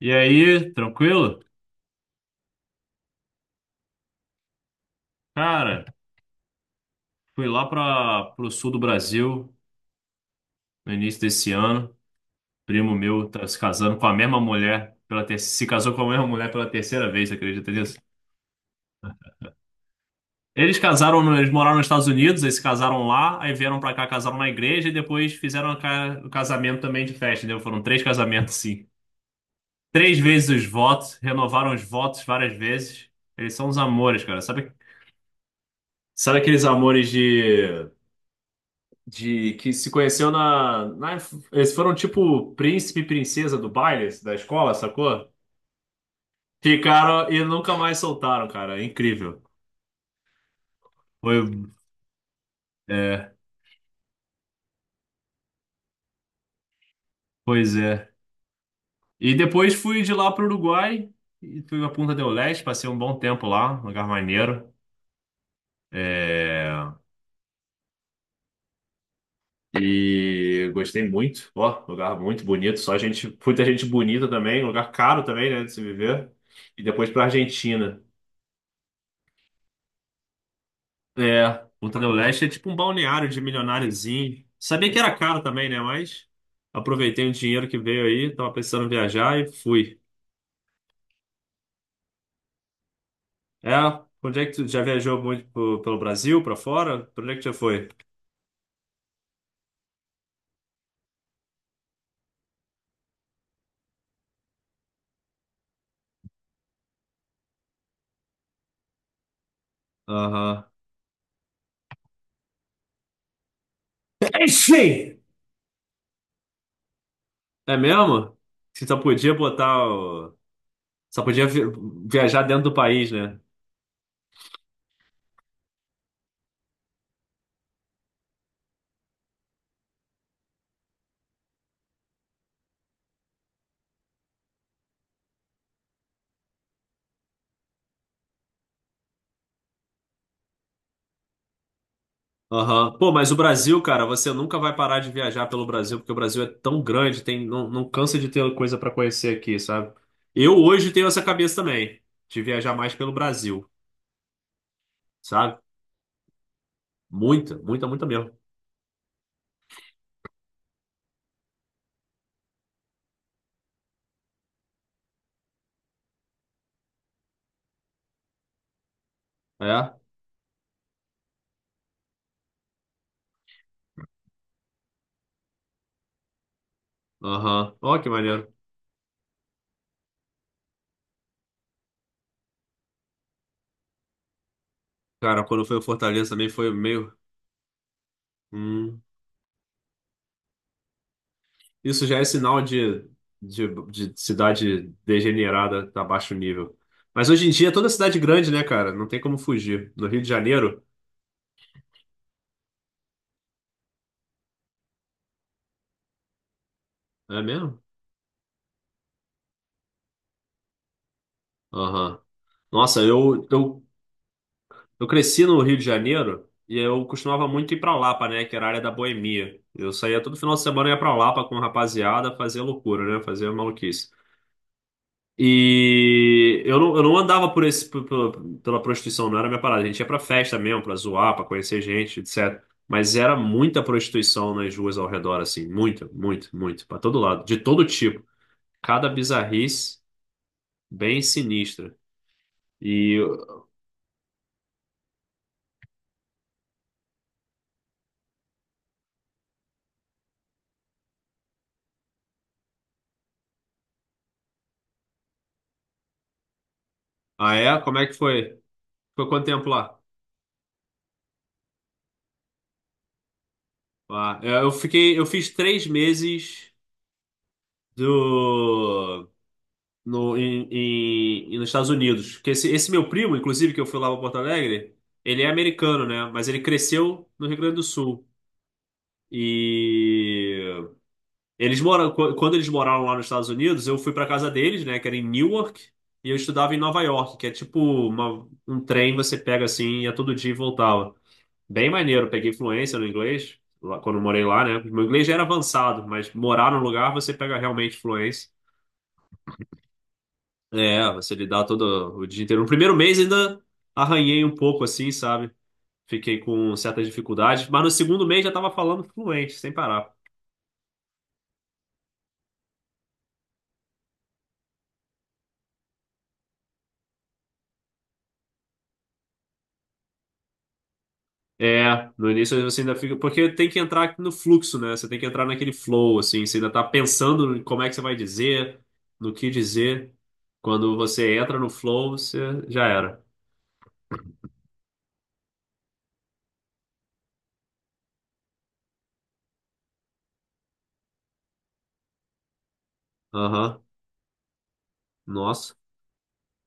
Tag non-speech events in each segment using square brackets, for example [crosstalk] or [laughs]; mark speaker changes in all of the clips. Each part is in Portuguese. Speaker 1: E aí, tranquilo? Cara, fui lá para o sul do Brasil no início desse ano. Primo meu tá se casando com a mesma mulher se casou com a mesma mulher pela terceira vez, você acredita nisso? Eles casaram, eles moraram nos Estados Unidos, eles se casaram lá, aí vieram para cá, casaram na igreja e depois fizeram o casamento também de festa, entendeu? Foram três casamentos, sim. Três vezes os votos, renovaram os votos várias vezes. Eles são uns amores, cara. Sabe aqueles amores de que se conheceu eles foram tipo príncipe e princesa do baile da escola, sacou? Ficaram e nunca mais soltaram, cara. É incrível. Foi, é, pois é. E depois fui de lá pro Uruguai e fui pra Punta del Este, passei um bom tempo lá, um lugar maneiro. É, e gostei muito. Ó, lugar muito bonito, só gente, muita gente bonita também, lugar caro também, né, de se viver. E depois pra Argentina. É, Ultra Leste é tipo um balneário de milionáriozinho. Sabia que era caro também, né? Mas aproveitei o dinheiro que veio aí, tava pensando em viajar e fui. É, onde é que tu já viajou muito pelo Brasil, pra fora? Pra onde é que já foi? Aham. Enfim, é mesmo? Você só podia botar. O- Só podia vi- viajar dentro do país, né? Aham. Pô, mas o Brasil, cara, você nunca vai parar de viajar pelo Brasil, porque o Brasil é tão grande, tem, não, não cansa de ter coisa pra conhecer aqui, sabe? Eu hoje tenho essa cabeça também, de viajar mais pelo Brasil, sabe? Muita, muita, muita mesmo. É? Aham. Ó, que maneiro. Cara, quando foi o Fortaleza também foi meio. hum, Isso já é sinal de, de cidade degenerada, tá baixo nível. Mas hoje em dia é toda cidade grande, né, cara? Não tem como fugir. No Rio de Janeiro, é mesmo? Aham. Nossa, eu cresci no Rio de Janeiro e eu costumava muito ir pra Lapa, né? Que era a área da boemia. Eu saía todo final de semana e ia pra Lapa com a rapaziada fazer loucura, né? Fazer maluquice. E eu não andava por esse, por- pela, pela prostituição, não era minha parada. A gente ia pra festa mesmo, pra zoar, pra conhecer gente, etc. Mas era muita prostituição nas ruas ao redor, assim. Muita, muito, muito. Pra todo lado. De todo tipo. Cada bizarrice bem sinistra. E. Ah, é? Como é que foi? Foi quanto tempo lá? Ah, eu fiquei, eu fiz 3 meses do no em, em- em- nos Estados Unidos. Porque esse meu primo, inclusive, que eu fui lá para Porto Alegre, ele é americano, né? Mas ele cresceu no Rio Grande do Sul. E eles moram, quando eles moraram lá nos Estados Unidos, eu fui para casa deles, né? Que era em Newark, e eu estudava em Nova York, que é tipo um trem você pega assim, ia todo dia e voltava. Bem maneiro, peguei fluência no inglês, lá, quando eu morei lá, né? Meu inglês já era avançado, mas morar no lugar você pega realmente fluência. É, você lidar todo o dia inteiro. No primeiro mês ainda arranhei um pouco assim, sabe? Fiquei com certas dificuldades, mas no segundo mês já tava falando fluente, sem parar. É, no início você ainda fica. Porque tem que entrar no fluxo, né? Você tem que entrar naquele flow, assim. Você ainda tá pensando em como é que você vai dizer, no que dizer. Quando você entra no flow, você já era. Aham. Nossa.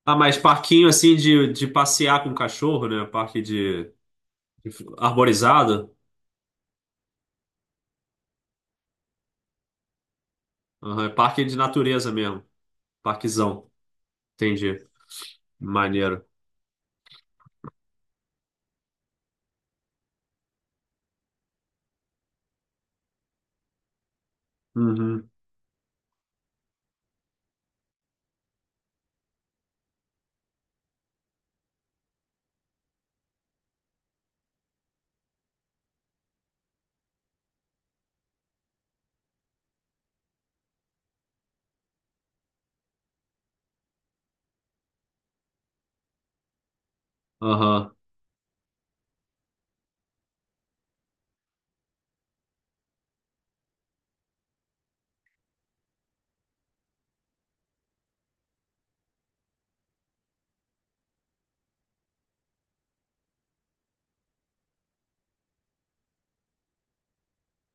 Speaker 1: Ah, mas parquinho assim de passear com o cachorro, né? Parque arborizado. Aham, é parque de natureza mesmo. Parquezão. Entendi. Maneiro. Uhum. Aham.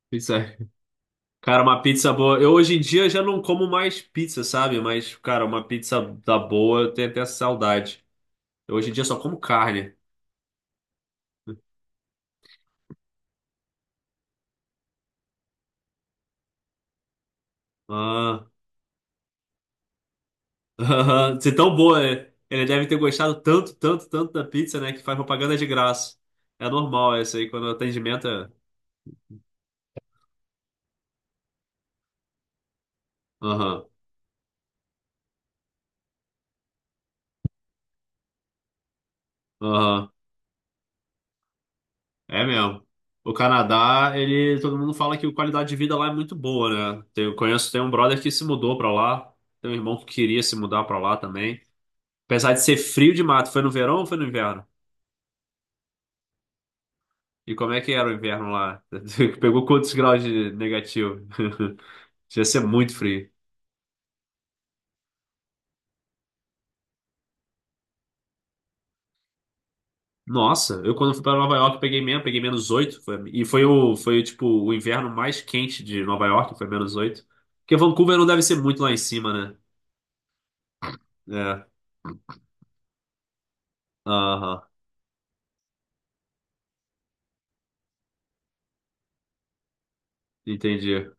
Speaker 1: Pizza. Cara, uma pizza boa. Eu hoje em dia já não como mais pizza, sabe? Mas, cara, uma pizza da boa, eu tenho até saudade. Eu hoje em dia só como carne. Ah. [laughs] Aham. Ser tão boa, né? Ele deve ter gostado tanto, tanto, tanto da pizza, né? Que faz propaganda de graça. É normal essa aí, quando o atendimento é. Aham. Aham, é mesmo. O Canadá, ele, todo mundo fala que a qualidade de vida lá é muito boa, né? Eu conheço, tem um brother que se mudou pra lá, tem um irmão que queria se mudar pra lá também. Apesar de ser frio de mato, foi no verão ou foi no inverno? E como é que era o inverno lá? [laughs] Pegou quantos graus de negativo? [laughs] Devia ser muito frio. Nossa, eu quando fui pra Nova York peguei -8 foi tipo o inverno mais quente de Nova York, foi -8. Porque Vancouver não deve ser muito lá em cima, né? É. Aham. Entendi.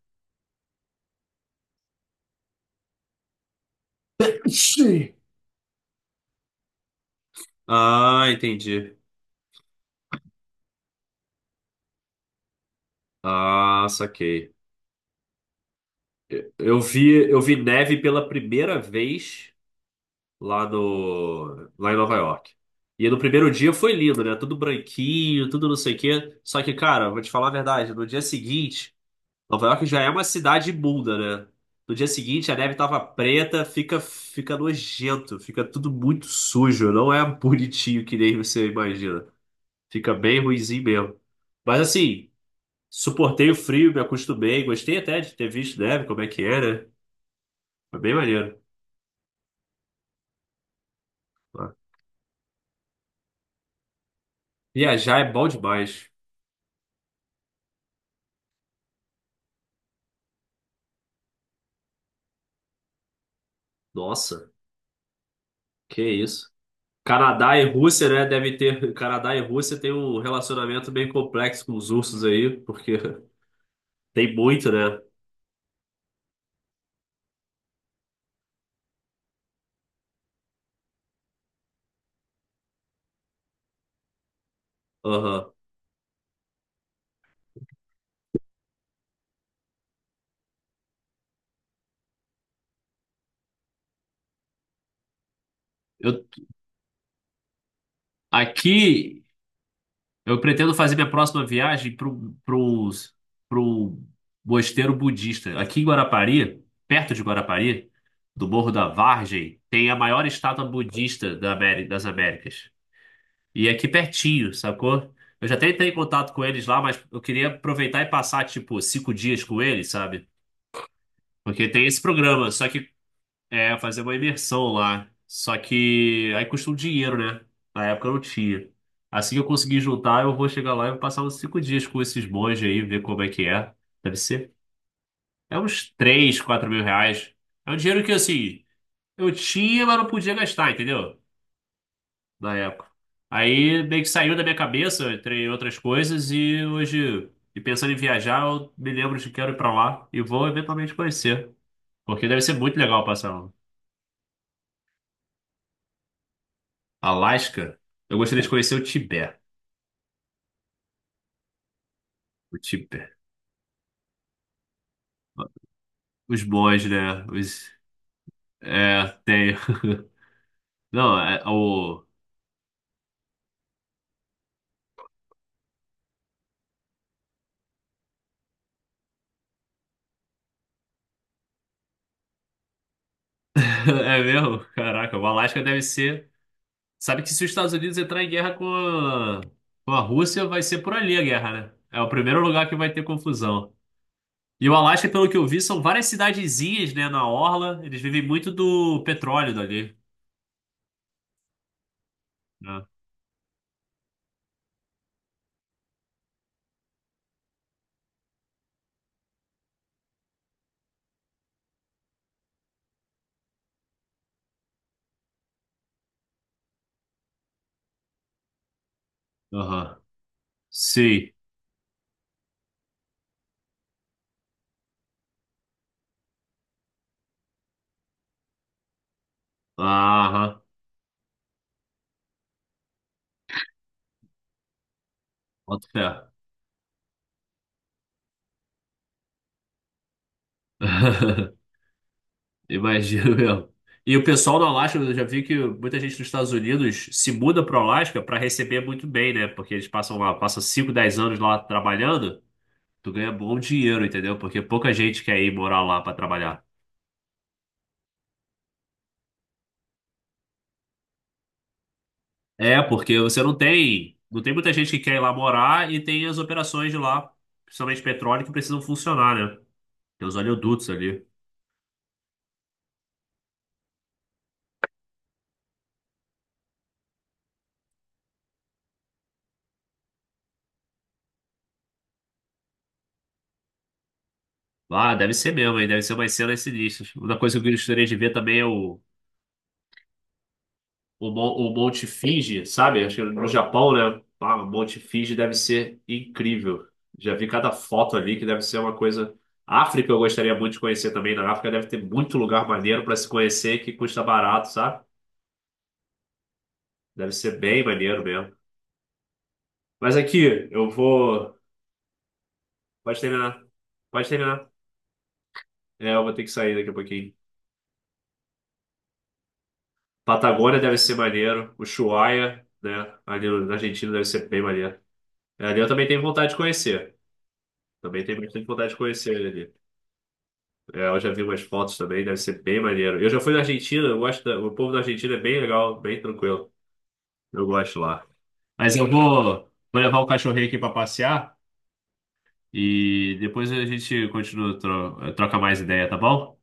Speaker 1: Sim. Ah, entendi. Ah, saquei. Eu vi neve pela primeira vez lá no, lá em Nova York. E no primeiro dia foi lindo, né? Tudo branquinho, tudo não sei o quê. Só que, cara, vou te falar a verdade, no dia seguinte, Nova York já é uma cidade imunda, né? No dia seguinte a neve tava preta, fica nojento, fica tudo muito sujo, não é bonitinho que nem você imagina. Fica bem ruinzinho mesmo. Mas assim, suportei o frio, me acostumei. Gostei até de ter visto neve, como é que era. Foi bem maneiro. Ah, viajar é bom demais. Nossa, que isso. Canadá e Rússia, né? Deve ter. Canadá e Rússia tem um relacionamento bem complexo com os ursos aí, porque [laughs] tem muito, né? Aham. Eu, aqui eu pretendo fazer minha próxima viagem pro mosteiro budista. Aqui em Guarapari, perto de Guarapari, do Morro da Vargem, tem a maior estátua budista das Américas. E é aqui pertinho, sacou? Eu já até entrei em contato com eles lá, mas eu queria aproveitar e passar, tipo, 5 dias com eles, sabe? Porque tem esse programa. Só que é, fazer uma imersão lá. Só que aí custa um dinheiro, né? Na época eu não tinha. Assim que eu conseguir juntar, eu vou chegar lá e vou passar uns 5 dias com esses monges aí, ver como é que é. Deve ser. É uns 3, 4 mil reais. É um dinheiro que, assim, eu tinha, mas não podia gastar, entendeu? Na época. Aí meio que saiu da minha cabeça, entre outras coisas, e hoje, e pensando em viajar, eu me lembro de que quero ir pra lá e vou eventualmente conhecer. Porque deve ser muito legal passar. Alasca? Eu gostaria de conhecer o Tibete. O Tibete. Os monges, né? Os... É, tem. [laughs] Não, é, o... [laughs] é mesmo? Caraca, o Alasca deve ser. Sabe que se os Estados Unidos entrar em guerra com a Rússia, vai ser por ali a guerra, né? É o primeiro lugar que vai ter confusão. E o Alasca, pelo que eu vi, são várias cidadezinhas, né, na orla. Eles vivem muito do petróleo dali, né? Aham. Sim. Aham. Bota fé. [laughs] Imagino mesmo. E o pessoal no Alasca, eu já vi que muita gente dos Estados Unidos se muda para o Alasca para receber muito bem, né? Porque eles passam lá, passam 5, 10 anos lá trabalhando, tu ganha bom dinheiro, entendeu? Porque pouca gente quer ir morar lá para trabalhar. É, porque você não tem, não tem muita gente que quer ir lá morar e tem as operações de lá, principalmente petróleo, que precisam funcionar, né? Tem os oleodutos ali. Ah, deve ser mesmo, hein? Deve ser umas cenas sinistras. Uma coisa que eu gostaria de ver também é o Monte Fuji, sabe? Acho que no Japão, né? Ah, o Monte Fuji deve ser incrível. Já vi cada foto ali que deve ser uma coisa. África eu gostaria muito de conhecer também. Na África deve ter muito lugar maneiro para se conhecer que custa barato, sabe? Deve ser bem maneiro mesmo. Mas aqui, eu vou. Pode terminar. Pode terminar. É, eu vou ter que sair daqui a pouquinho. Patagônia deve ser maneiro. Ushuaia, né? Ali na Argentina deve ser bem maneiro. É, ali eu também tenho vontade de conhecer. Também tenho bastante vontade de conhecer ali. É, eu já vi umas fotos também, deve ser bem maneiro. Eu já fui na Argentina, eu gosto o povo da Argentina é bem legal, bem tranquilo. Eu gosto lá. Mas eu vou, vou levar o cachorrinho aqui para passear e depois a gente continua, troca mais ideia, tá bom?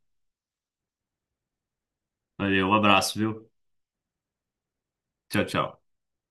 Speaker 1: Valeu, um abraço, viu? Tchau, tchau.